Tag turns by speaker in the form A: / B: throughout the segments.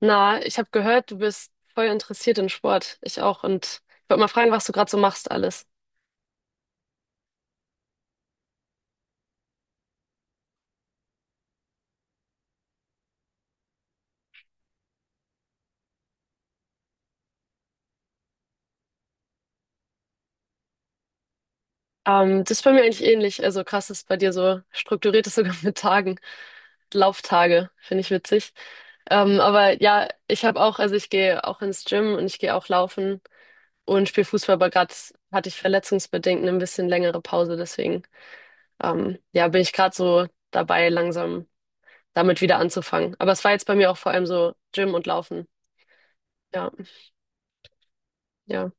A: Na, ich habe gehört, du bist voll interessiert in Sport. Ich auch. Und ich wollte mal fragen, was du gerade so machst alles. Das ist bei mir eigentlich ähnlich. Also krass, dass bei dir so strukturiert ist sogar mit Tagen. Lauftage, finde ich witzig. Aber ja, ich habe auch, also ich gehe auch ins Gym und ich gehe auch laufen und spiele Fußball, aber gerade hatte ich verletzungsbedingt ein bisschen längere Pause. Deswegen, ja, bin ich gerade so dabei, langsam damit wieder anzufangen. Aber es war jetzt bei mir auch vor allem so Gym und Laufen. Ja, ja.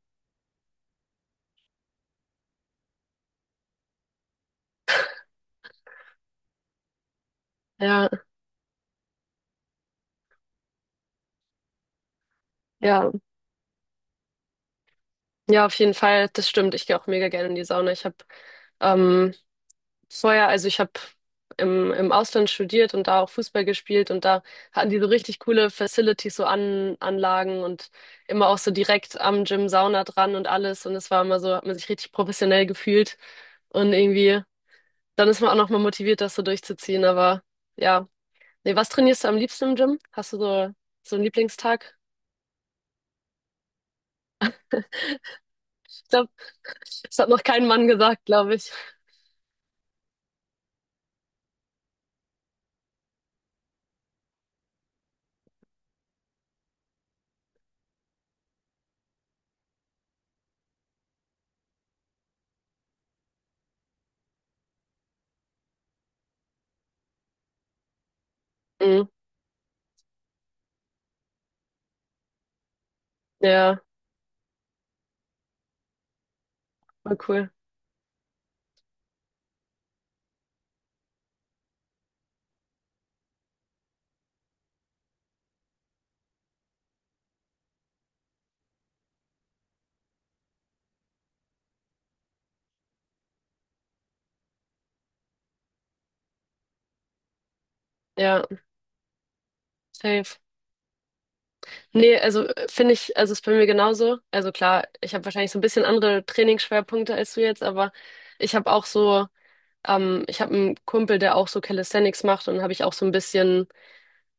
A: Ja, Ja, ja, auf jeden Fall, das stimmt. Ich gehe auch mega gerne in die Sauna. Ich habe ähm, vorher, also ich habe im Ausland studiert und da auch Fußball gespielt und da hatten die so richtig coole Facilities, so An Anlagen und immer auch so direkt am Gym Sauna dran und alles. Und es war immer so, hat man sich richtig professionell gefühlt und irgendwie, dann ist man auch nochmal motiviert, das so durchzuziehen. Aber ja, nee, was trainierst du am liebsten im Gym? Hast du so, so einen Lieblingstag? Ich glaube, das hat noch kein Mann gesagt, glaube ich. Mhm. Ja. Voll cool. Ja, safe. Nee, also finde ich, also ist bei mir genauso. Also klar, ich habe wahrscheinlich so ein bisschen andere Trainingsschwerpunkte als du jetzt, aber ich habe auch so, ich habe einen Kumpel, der auch so Calisthenics macht und habe ich auch so ein bisschen,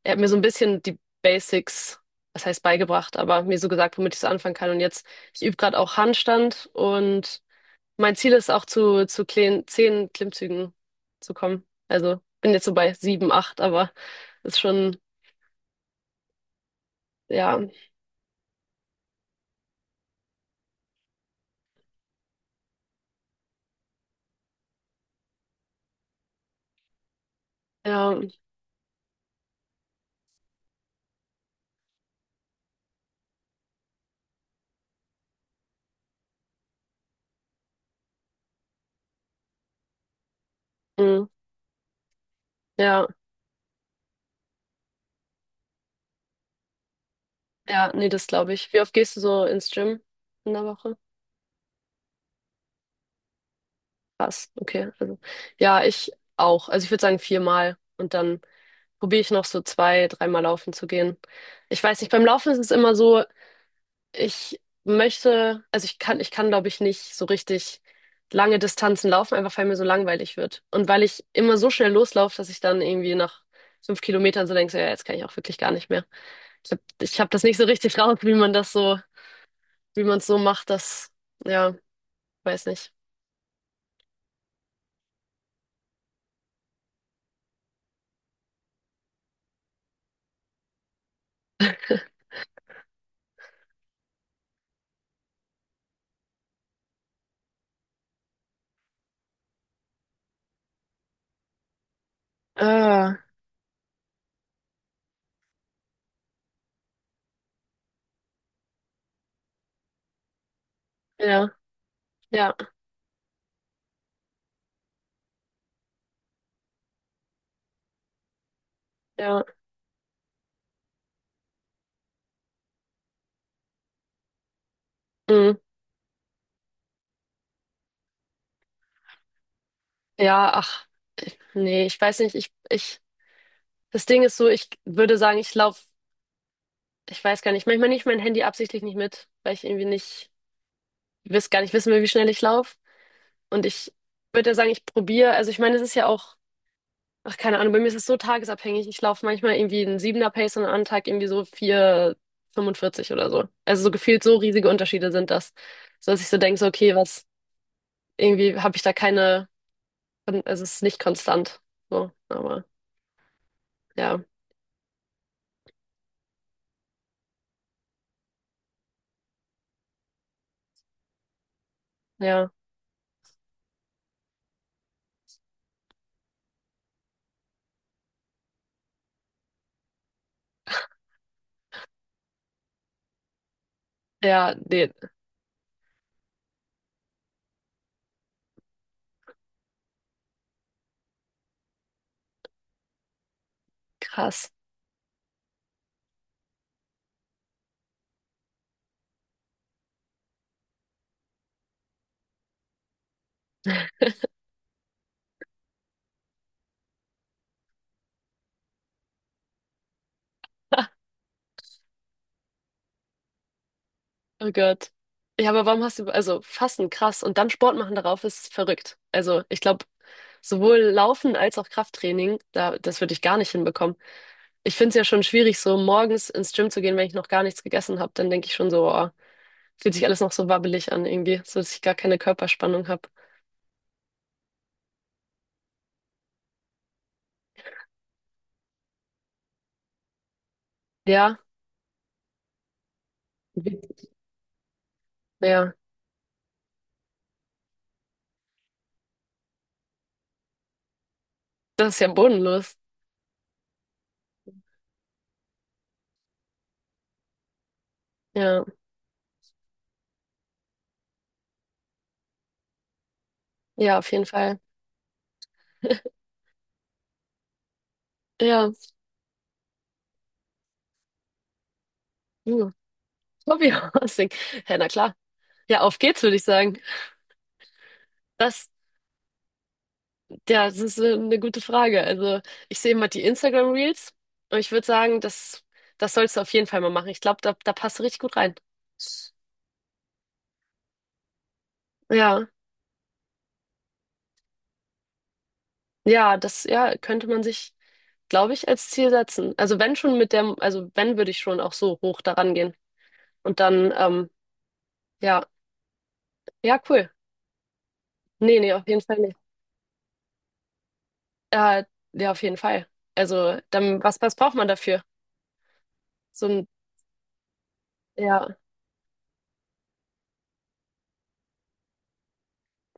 A: er hat mir so ein bisschen die Basics, was heißt beigebracht, aber mir so gesagt, womit ich so anfangen kann. Und jetzt, ich übe gerade auch Handstand und mein Ziel ist auch zu kleinen, 10 Klimmzügen zu kommen. Also bin jetzt so bei sieben, acht, aber ist schon, ja, ja. Mhm. Ja, ja, nee, das glaube ich. Wie oft gehst du so ins Gym in der Woche? Krass, okay. Also, ja, ich auch. Also ich würde sagen viermal und dann probiere ich noch so zwei, dreimal laufen zu gehen. Ich weiß nicht, beim Laufen ist es immer so, ich möchte, also ich kann, glaube ich, nicht so richtig lange Distanzen laufen, einfach weil mir so langweilig wird. Und weil ich immer so schnell loslaufe, dass ich dann irgendwie nach 5 Kilometern so denke, so, ja, jetzt kann ich auch wirklich gar nicht mehr. Ich hab das nicht so richtig raus, wie man es so macht, das, ja, weiß nicht. Ah, ja, ja, ja, mm, ja, ach, nee, ich weiß nicht, ich, das Ding ist so, ich würde sagen, ich laufe, ich weiß gar nicht, manchmal nehme ich mein Handy absichtlich nicht mit, weil ich irgendwie nicht, gar nicht wissen will, wie schnell ich laufe. Und ich würde ja sagen, ich probiere, also ich meine, es ist ja auch, ach, keine Ahnung, bei mir ist es so tagesabhängig, ich laufe manchmal irgendwie einen Siebener Pace und an einem Tag irgendwie so vier fünfundvierzig oder so. Also so gefühlt so riesige Unterschiede sind das, so dass ich so denke, so, okay, was irgendwie habe ich da keine, es ist nicht konstant. So, aber ja, ja, ja, nee, krass. Oh Gott. Ja, aber warum hast du, also Fasten, krass. Und dann Sport machen darauf ist verrückt. Also ich glaube, sowohl Laufen als auch Krafttraining, da, das würde ich gar nicht hinbekommen. Ich finde es ja schon schwierig, so morgens ins Gym zu gehen, wenn ich noch gar nichts gegessen habe. Dann denke ich schon so, oh, fühlt sich alles noch so wabbelig an irgendwie, so dass ich gar keine Körperspannung habe. Ja, ja, das ist ja bodenlos. Ja, ja, auf jeden Fall. Ja, ja. Hobbyhousing. Ja, na klar. Ja, auf geht's, würde ich sagen. Das, ja, das ist eine gute Frage. Also, ich sehe immer die Instagram Reels und ich würde sagen, das, das sollst du auf jeden Fall mal machen. Ich glaube, da, da passt du richtig gut rein. Ja, ja, das, ja, könnte man sich, glaube ich, als Ziel setzen. Also, wenn schon mit der, also, wenn würde ich schon auch so hoch daran gehen. Und dann, ja, ja, cool. Nee, nee, auf jeden Fall nicht. Äh, ja, auf jeden Fall. Also, dann, was braucht man dafür? So ein Ja,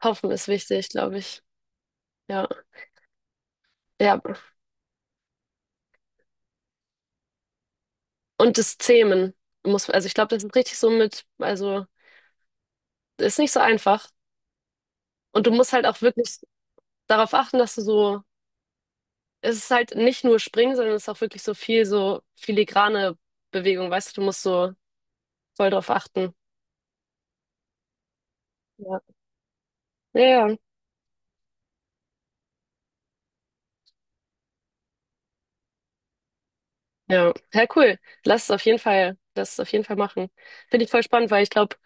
A: hoffen ist wichtig, glaube ich. Ja, ja. Und das Zähmen muss, also ich glaube, das ist richtig so mit, also ist nicht so einfach. Und du musst halt auch wirklich darauf achten, dass du so, es ist halt nicht nur Springen, sondern es ist auch wirklich so viel so filigrane Bewegung, weißt du, du musst so voll drauf achten. Ja, ja, ja. Ja, Ja, cool. Lass es auf jeden Fall, lass es auf jeden Fall machen. Finde ich voll spannend, weil ich glaube,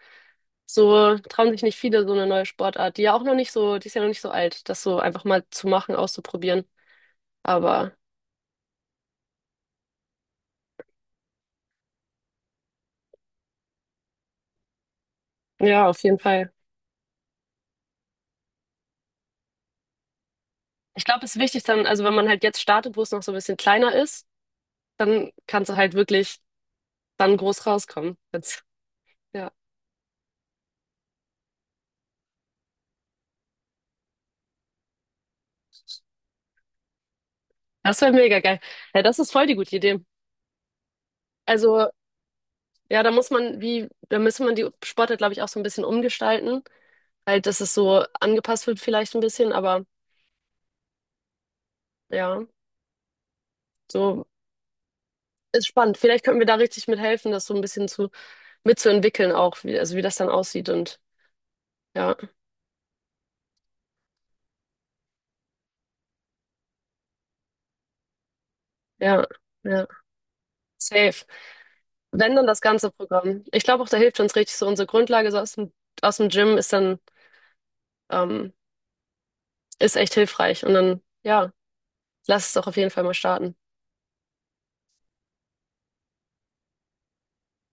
A: so trauen sich nicht viele so eine neue Sportart, die ja auch noch nicht so, die ist ja noch nicht so alt, das so einfach mal zu machen, auszuprobieren. Aber ja, auf jeden Fall. Ich glaube, es ist wichtig dann, also wenn man halt jetzt startet, wo es noch so ein bisschen kleiner ist, dann kannst du halt wirklich dann groß rauskommen. Jetzt, ja, das wäre mega geil. Ja, das ist voll die gute Idee. Also ja, da muss man, wie, da müsste man die Sportart, glaube ich, auch so ein bisschen umgestalten. Halt, dass es so angepasst wird vielleicht ein bisschen, aber ja, so ist spannend. Vielleicht könnten wir da richtig mithelfen, das so ein bisschen zu mitzuentwickeln auch, wie, also wie das dann aussieht und ja, ja, ja, safe. Wenn dann das ganze Programm. Ich glaube auch, da hilft uns richtig so unsere Grundlage so aus dem Gym ist dann, ähm, ist echt hilfreich. Und dann, ja, lass es doch auf jeden Fall mal starten.